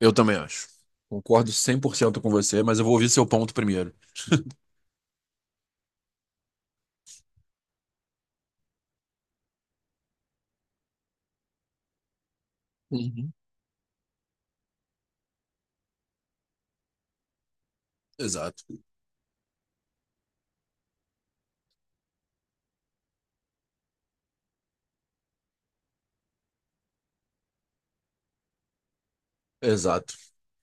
Eu também acho. Concordo 100% com você, mas eu vou ouvir seu ponto primeiro. Uhum. Exato, exato,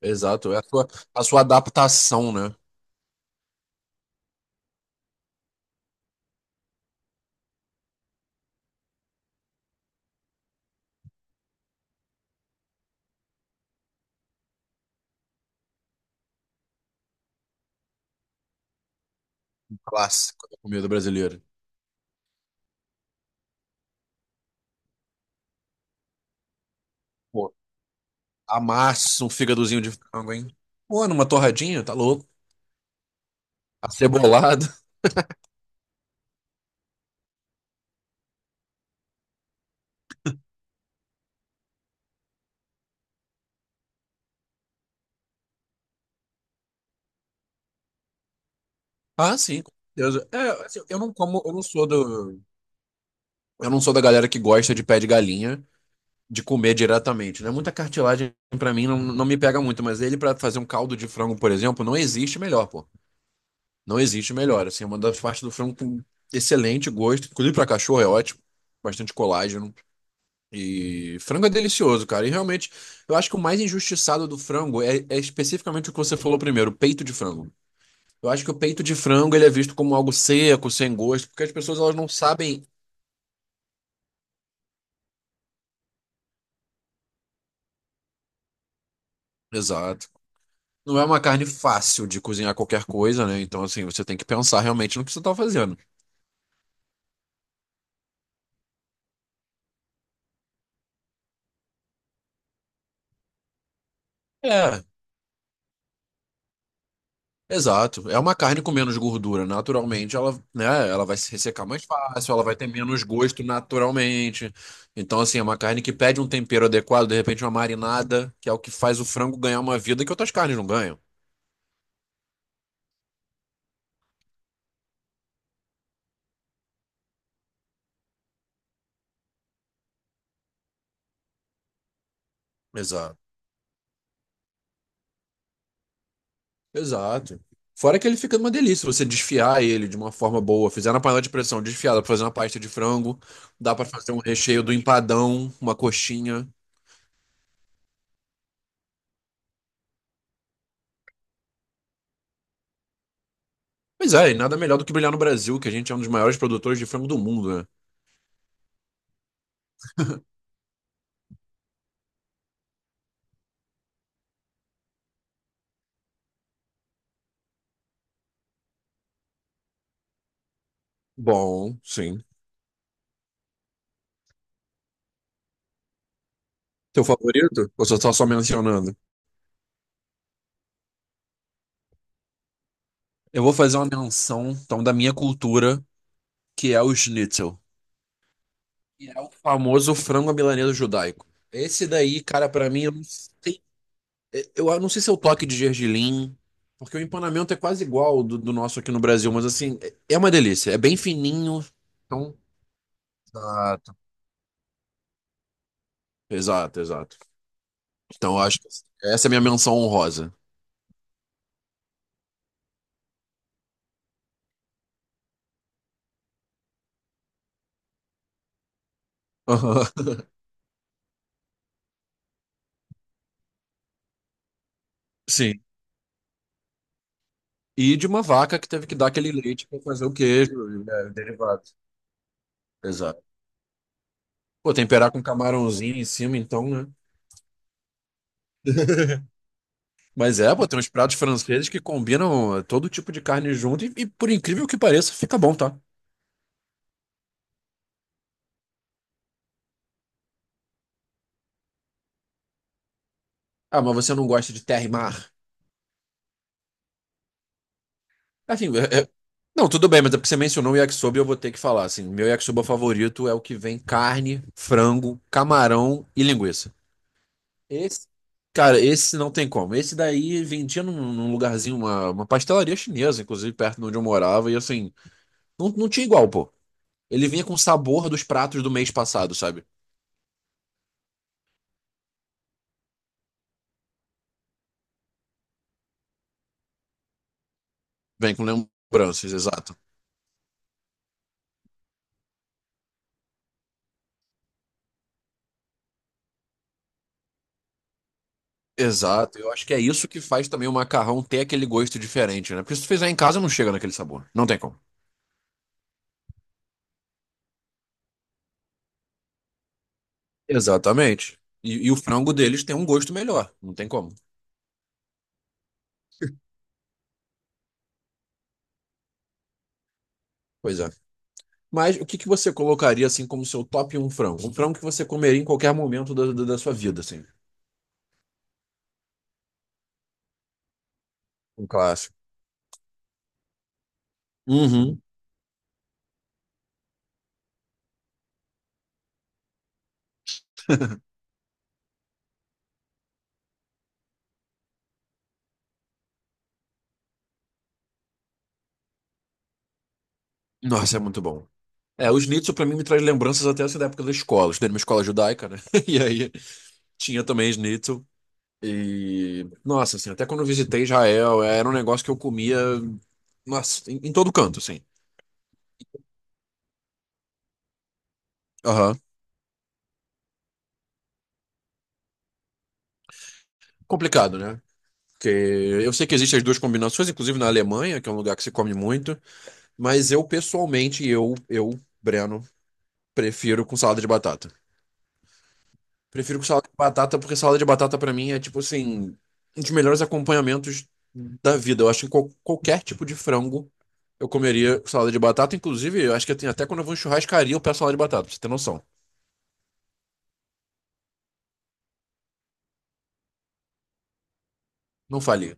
exato. É a sua adaptação, né? Clássico da comida brasileira. Pô, amassa um fígadozinho de frango, hein? Pô, numa torradinha, tá louco? Acebolado. Ah, sim, com certeza. É, assim, eu não como, eu não sou da galera que gosta de pé de galinha, de comer diretamente, né? Muita cartilagem pra mim não, não me pega muito, mas ele pra fazer um caldo de frango, por exemplo, não existe melhor, pô. Não existe melhor. Assim, é uma das partes do frango com excelente gosto. Inclusive para cachorro é ótimo. Bastante colágeno. E frango é delicioso, cara. E realmente, eu acho que o mais injustiçado do frango é especificamente o que você falou primeiro, o peito de frango. Eu acho que o peito de frango ele é visto como algo seco, sem gosto, porque as pessoas elas não sabem. Exato. Não é uma carne fácil de cozinhar qualquer coisa, né? Então, assim, você tem que pensar realmente no que você tá fazendo. É, exato. É uma carne com menos gordura. Naturalmente, ela, né, ela vai se ressecar mais fácil, ela vai ter menos gosto naturalmente. Então, assim, é uma carne que pede um tempero adequado, de repente uma marinada, que é o que faz o frango ganhar uma vida que outras carnes não ganham. Exato. Exato. Fora que ele fica uma delícia. Você desfiar ele de uma forma boa, fizer na panela de pressão desfiada pra fazer uma pasta de frango, dá pra fazer um recheio do empadão, uma coxinha. Pois é, e nada melhor do que brilhar no Brasil, que a gente é um dos maiores produtores de frango do mundo, né? Bom, sim. Seu favorito? Ou você tá só mencionando? Eu vou fazer uma menção, então, da minha cultura, que é o schnitzel, que é o famoso frango à milanesa judaico. Esse daí, cara, pra mim, eu não sei se é o toque de gergelim, porque o empanamento é quase igual do nosso aqui no Brasil, mas assim, é uma delícia, é bem fininho, então... Exato. Exato, exato. Então, eu acho que essa é a minha menção honrosa. Aham. Sim. E de uma vaca que teve que dar aquele leite pra fazer o queijo, né, derivado. Exato. Pô, temperar com camarãozinho em cima, então, né? Mas é, pô, tem uns pratos franceses que combinam é, todo tipo de carne junto e, por incrível que pareça, fica bom, tá? Ah, mas você não gosta de terra e mar? Assim, não, tudo bem, mas é porque você mencionou o yakisoba e eu vou ter que falar, assim, meu yakisoba favorito é o que vem carne, frango, camarão e linguiça. Esse, cara, esse não tem como. Esse daí vendia num lugarzinho, uma pastelaria chinesa, inclusive, perto de onde eu morava, e assim, não tinha igual, pô. Ele vinha com o sabor dos pratos do mês passado, sabe? Vem com lembranças, exato. Exato, eu acho que é isso que faz também o macarrão ter aquele gosto diferente, né? Porque se tu fizer em casa, não chega naquele sabor. Não tem como. Exatamente. E o frango deles tem um gosto melhor. Não tem como. Pois é. Mas o que que você colocaria, assim, como seu top um frango? Um frango que você comeria em qualquer momento da sua vida, assim. Um clássico. Uhum. Nossa, é muito bom. É, o schnitzel pra mim me traz lembranças até essa da época da escola. Eu estudei numa escola judaica, né? E aí tinha também schnitzel. E, nossa, assim, até quando eu visitei Israel, era um negócio que eu comia, nossa, em todo canto, assim. Aham. Complicado, né? Porque eu sei que existem as duas combinações, inclusive na Alemanha, que é um lugar que se come muito, mas eu pessoalmente, Breno, prefiro com salada de batata. Prefiro com salada de batata porque salada de batata pra mim é tipo assim, um dos melhores acompanhamentos da vida. Eu acho que qualquer tipo de frango eu comeria com salada de batata, inclusive, eu acho que tem até quando eu vou em churrascaria eu peço salada de batata, pra você ter noção. Não falia.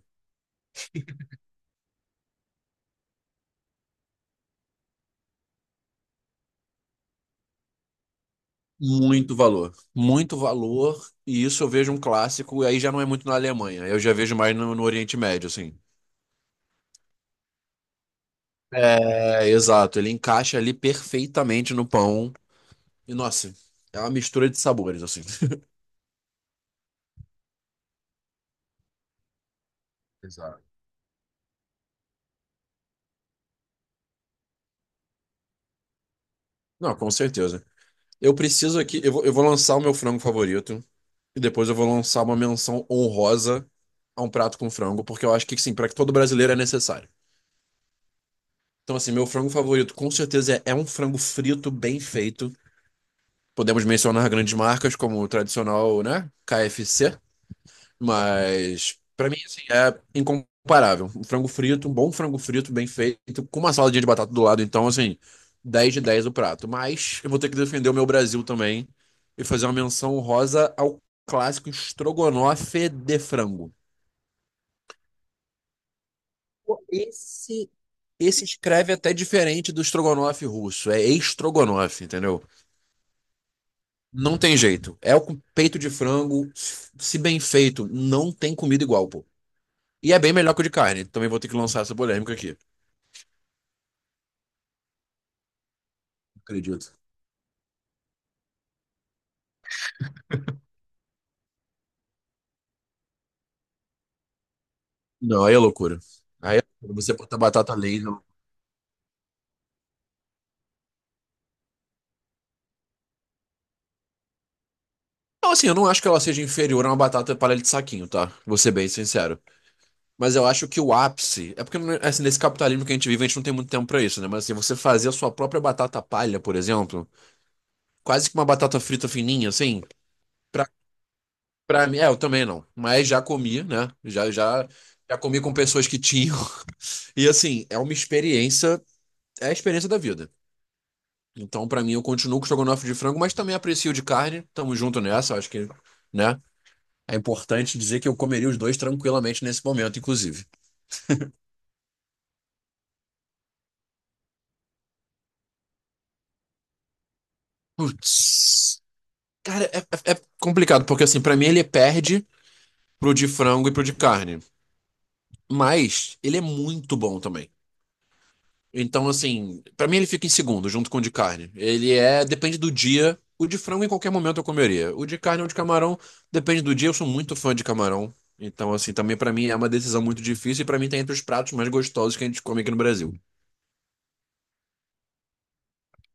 Muito valor. Muito valor. E isso eu vejo um clássico, e aí já não é muito na Alemanha. Eu já vejo mais no Oriente Médio, assim. É, exato. Ele encaixa ali perfeitamente no pão. E, nossa, é uma mistura de sabores, assim. Exato. Não, com certeza. Eu preciso aqui, eu vou lançar o meu frango favorito. E depois eu vou lançar uma menção honrosa a um prato com frango, porque eu acho que, sim, para todo brasileiro é necessário. Então, assim, meu frango favorito com certeza é um frango frito bem feito. Podemos mencionar grandes marcas como o tradicional, né? KFC, mas pra mim assim, é incomparável. Um frango frito, um bom frango frito bem feito, com uma saladinha de batata do lado, então assim, 10 de 10 o prato. Mas eu vou ter que defender o meu Brasil também e fazer uma menção honrosa ao clássico estrogonofe de frango. Pô, esse escreve até diferente do estrogonofe russo, é estrogonofe, entendeu? Não tem jeito. É o peito de frango, se bem feito, não tem comida igual, pô. E é bem melhor que o de carne. Também vou ter que lançar essa polêmica aqui. Acredito. Não, aí é loucura. Aí é loucura. Você botar batata laser. Não. Então, assim, eu não acho que ela seja inferior a uma batata palha de saquinho, tá? Vou ser bem sincero. Mas eu acho que o ápice. É porque, assim, nesse capitalismo que a gente vive, a gente não tem muito tempo pra isso, né? Mas, assim, você fazer a sua própria batata palha, por exemplo, quase que uma batata frita fininha, assim. Pra mim, é, eu também não. Mas já comi, né? Já comi com pessoas que tinham. E assim, é uma experiência, é a experiência da vida. Então, pra mim, eu continuo com estrogonofe de frango, mas também aprecio de carne. Tamo junto nessa, acho que, né? É importante dizer que eu comeria os dois tranquilamente nesse momento, inclusive. Putz. Cara, é complicado, porque assim, pra mim ele perde pro de frango e pro de carne. Mas ele é muito bom também. Então, assim, pra mim ele fica em segundo, junto com o de carne. Ele é, depende do dia. O de frango em qualquer momento eu comeria. O de carne ou de camarão, depende do dia. Eu sou muito fã de camarão. Então, assim, também pra mim é uma decisão muito difícil e pra mim tá entre os pratos mais gostosos que a gente come aqui no Brasil.